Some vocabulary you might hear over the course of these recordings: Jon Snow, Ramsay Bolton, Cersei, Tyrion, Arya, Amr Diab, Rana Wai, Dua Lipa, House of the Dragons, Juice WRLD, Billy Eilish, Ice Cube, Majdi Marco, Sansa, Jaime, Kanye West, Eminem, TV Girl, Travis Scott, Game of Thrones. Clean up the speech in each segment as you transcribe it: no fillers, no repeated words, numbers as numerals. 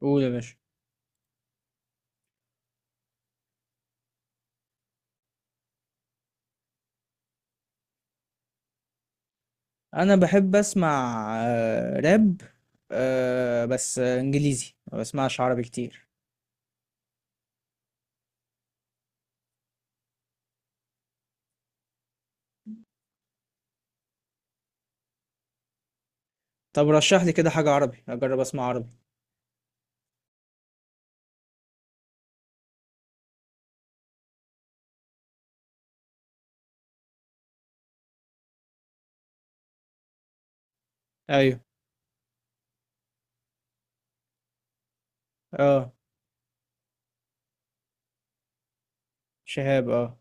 قول يا باشا. انا بحب اسمع راب. بس انجليزي، ما بسمعش عربي كتير. طب رشح لي كده حاجة عربي، اجرب اسمع عربي. ايوه. اه. شهاب، اه.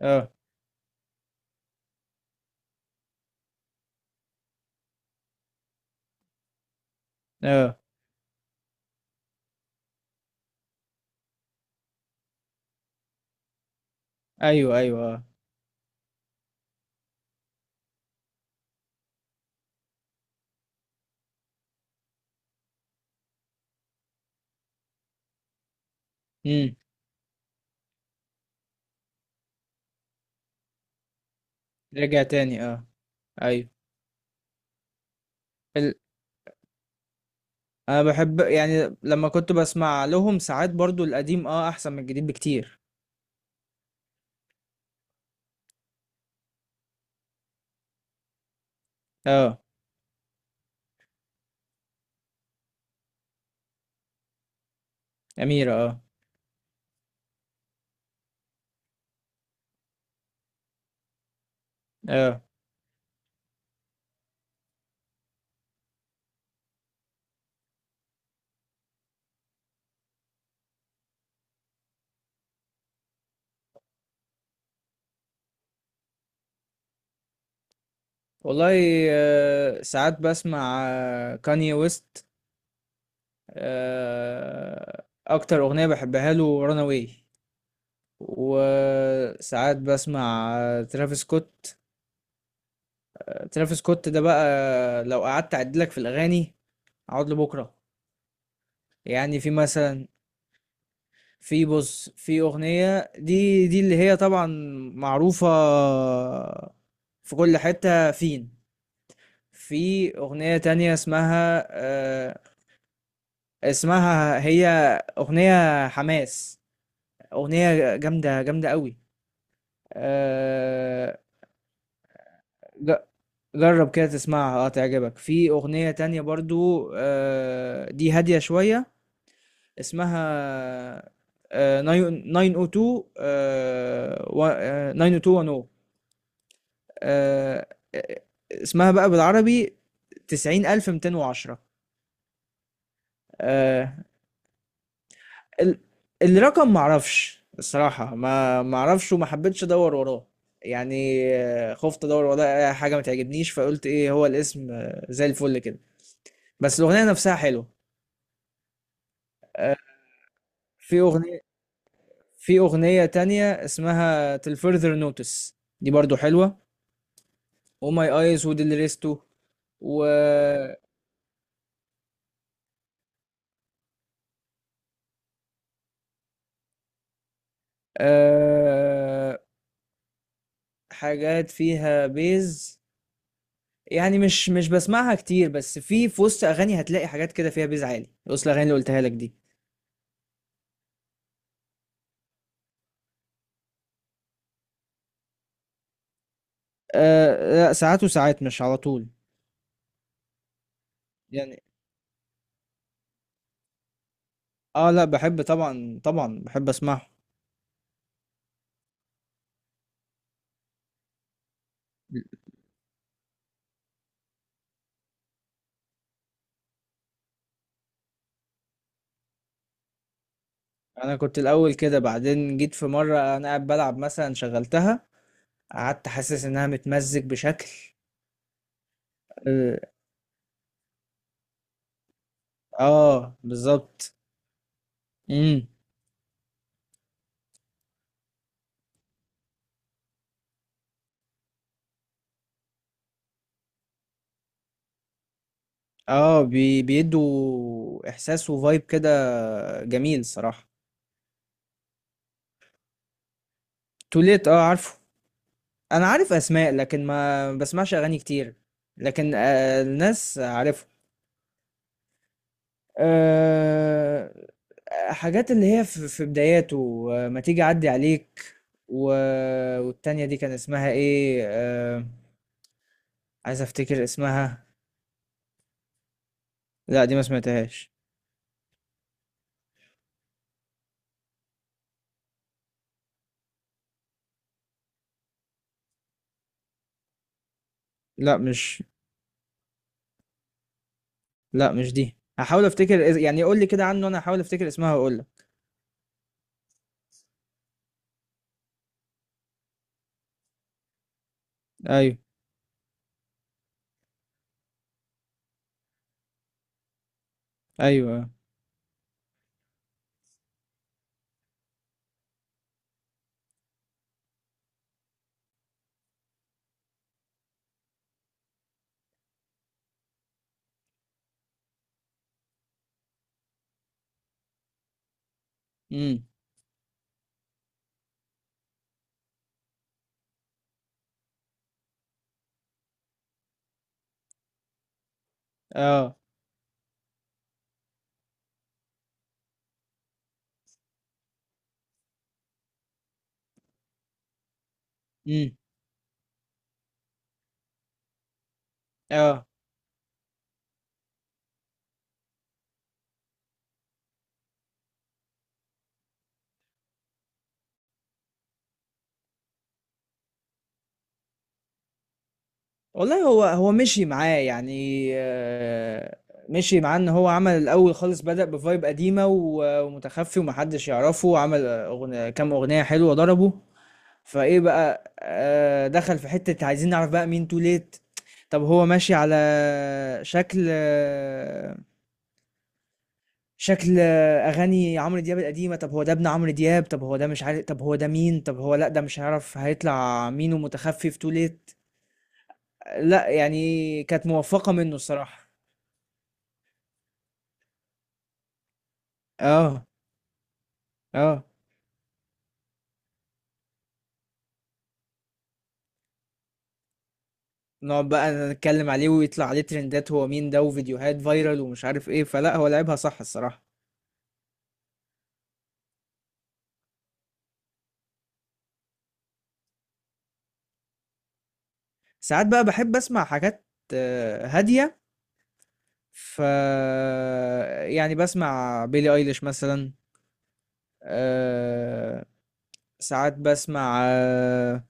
اه. اه. ايوه، ايوه، اه. امم. رجع تاني، اه. ايوه. ال... انا بحب يعني لما كنت بسمع لهم ساعات برضو القديم احسن من الجديد بكتير. اه. اميرة، اه. اه. والله، ساعات بسمع كاني ويست. اكتر اغنيه بحبها له رانا واي. وساعات بسمع ترافيس سكوت. ترافيس سكوت ده بقى لو قعدت اعد لك في الاغاني، اقعد لبكره. يعني في مثلا، في، بص، في اغنيه دي اللي هي طبعا معروفه، في كل حته فين. في اغنيه تانية آه، اسمها هي اغنيه حماس، اغنيه جامده جامده قوي. آه، ج- جرب كده تسمعها، تعجبك. في اغنية تانية برضو، دي هادية شوية، اسمها 902 90210. آه، آه، اسمها بقى بالعربي 90210. آه، ال- الرقم معرفش الصراحة، ما معرفش وما حبيتش ادور وراه. يعني خفت ادور وراه حاجة ما تعجبنيش، فقلت ايه هو الاسم، زي الفل كده. بس الأغنية نفسها حلوة. آه، في أغنية في أغنية تانية اسمها Till Further Notice، دي برضو حلوة. Oh My Eyes وديل ريستو. و آه، حاجات فيها بيز، يعني مش بسمعها كتير، بس في وسط أغاني هتلاقي حاجات كده فيها بيز عالي وسط الأغاني اللي قلتها لك دي. لا، ساعات وساعات، مش على طول. يعني اه، لا، بحب طبعا طبعا، بحب اسمعه. انا كنت الاول كده، بعدين جيت في مره انا قاعد بلعب مثلا، شغلتها قعدت حاسس انها متمزج بشكل. اه، بالظبط. امم. اه، بيدوا احساس وفايب كده، جميل صراحة. توليت، اه، عارفه. انا عارف اسماء لكن ما بسمعش اغاني كتير، لكن الناس عارفه. آه حاجات اللي هي في بداياته، ما تيجي اعدي عليك و... والتانية دي كان اسمها ايه عايز افتكر اسمها. لا، دي ما سمعتهاش. لا مش. لأ مش دي، هاحاول أفتكر يعني قُل لي كده عنه وأنا هاحاول أفتكر اسمها وأقول لك. أيوه. أيوه. إمم. آه، إمم. آه. والله هو مشي معاه، يعني مشي معاه إن هو عمل الأول خالص، بدأ بvibe قديمة و ومُتخفّي وما حدّش يعرفه، عمل كام أغنية حلوة ضربوا، فإيه بقى، دخل في حتّة عايزين نعرف بقى مين too late. طب هو ماشي على شكل آه، شكل اغاني عمرو دياب القديمه. طب هو ده ابن عمرو دياب؟ طب هو ده مش عارف. طب هو ده مين؟ طب هو، لا، ده مش هيعرف هيطلع مين، ومتخفي في ليت. لا يعني كانت موفقه منه الصراحه. اه. اه، نقعد بقى نتكلم عليه ويطلع عليه ترندات هو مين ده، وفيديوهات فايرال ومش عارف ايه، فلا، هو لعبها صح الصراحه. ساعات بقى بحب اسمع حاجات هاديه، ف يعني بسمع بيلي ايليش مثلا. آه، ساعات بسمع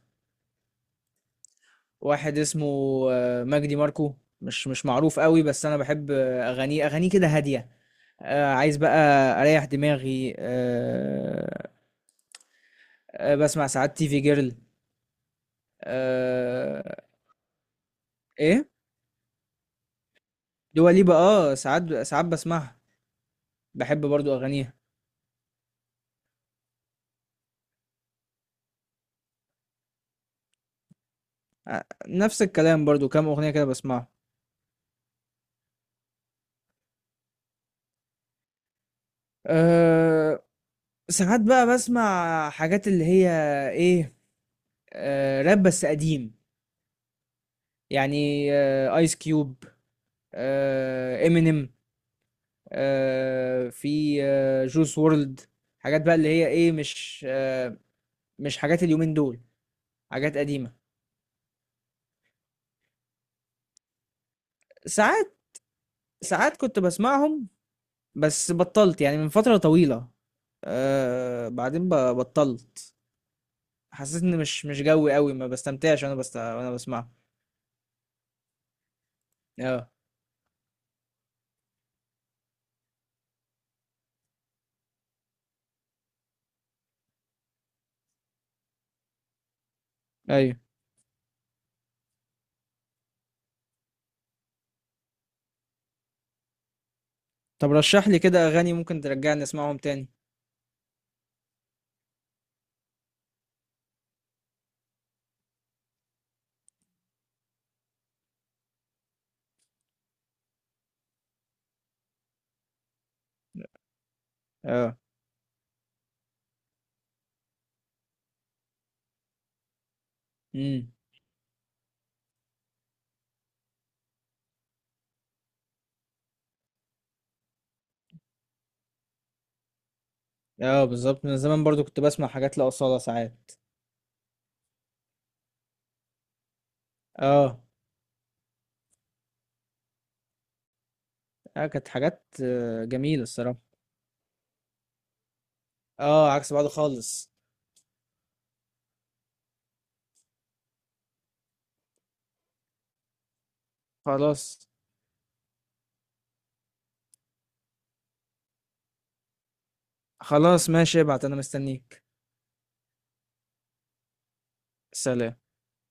واحد اسمه مجدي ماركو، مش معروف قوي بس انا بحب اغانيه كده هاديه، عايز بقى اريح دماغي. بسمع ساعات تي في جيرل. آه، ايه، دوا ليبا، اه، ساعات ساعات بسمعها، بحب برضو اغانيها. نفس الكلام، برضو كام اغنيه كده بسمعها. أه، ساعات بقى بسمع حاجات اللي هي ايه، راب بس قديم، يعني ايس كيوب، امينيم، في جوس وورلد. حاجات بقى اللي هي ايه مش حاجات اليومين دول، حاجات قديمة. ساعات، ساعات كنت بسمعهم بس بطلت يعني من فترة طويلة. بعدين بطلت، حسيت ان مش جوي قوي، ما بستمتعش وانا وانا بسمعها. اه. ايوه. طب رشح لي كده اغاني ممكن ترجعني اسمعهم تاني. اه. امم. اه، بالظبط، من زمان برضو كنت بسمع حاجات لأصالة ساعات. اه. اه، كانت حاجات جميلة الصراحة. اه، عكس بعض خالص. خلاص. خلاص ماشي، ابعت انا مستنيك. سلام.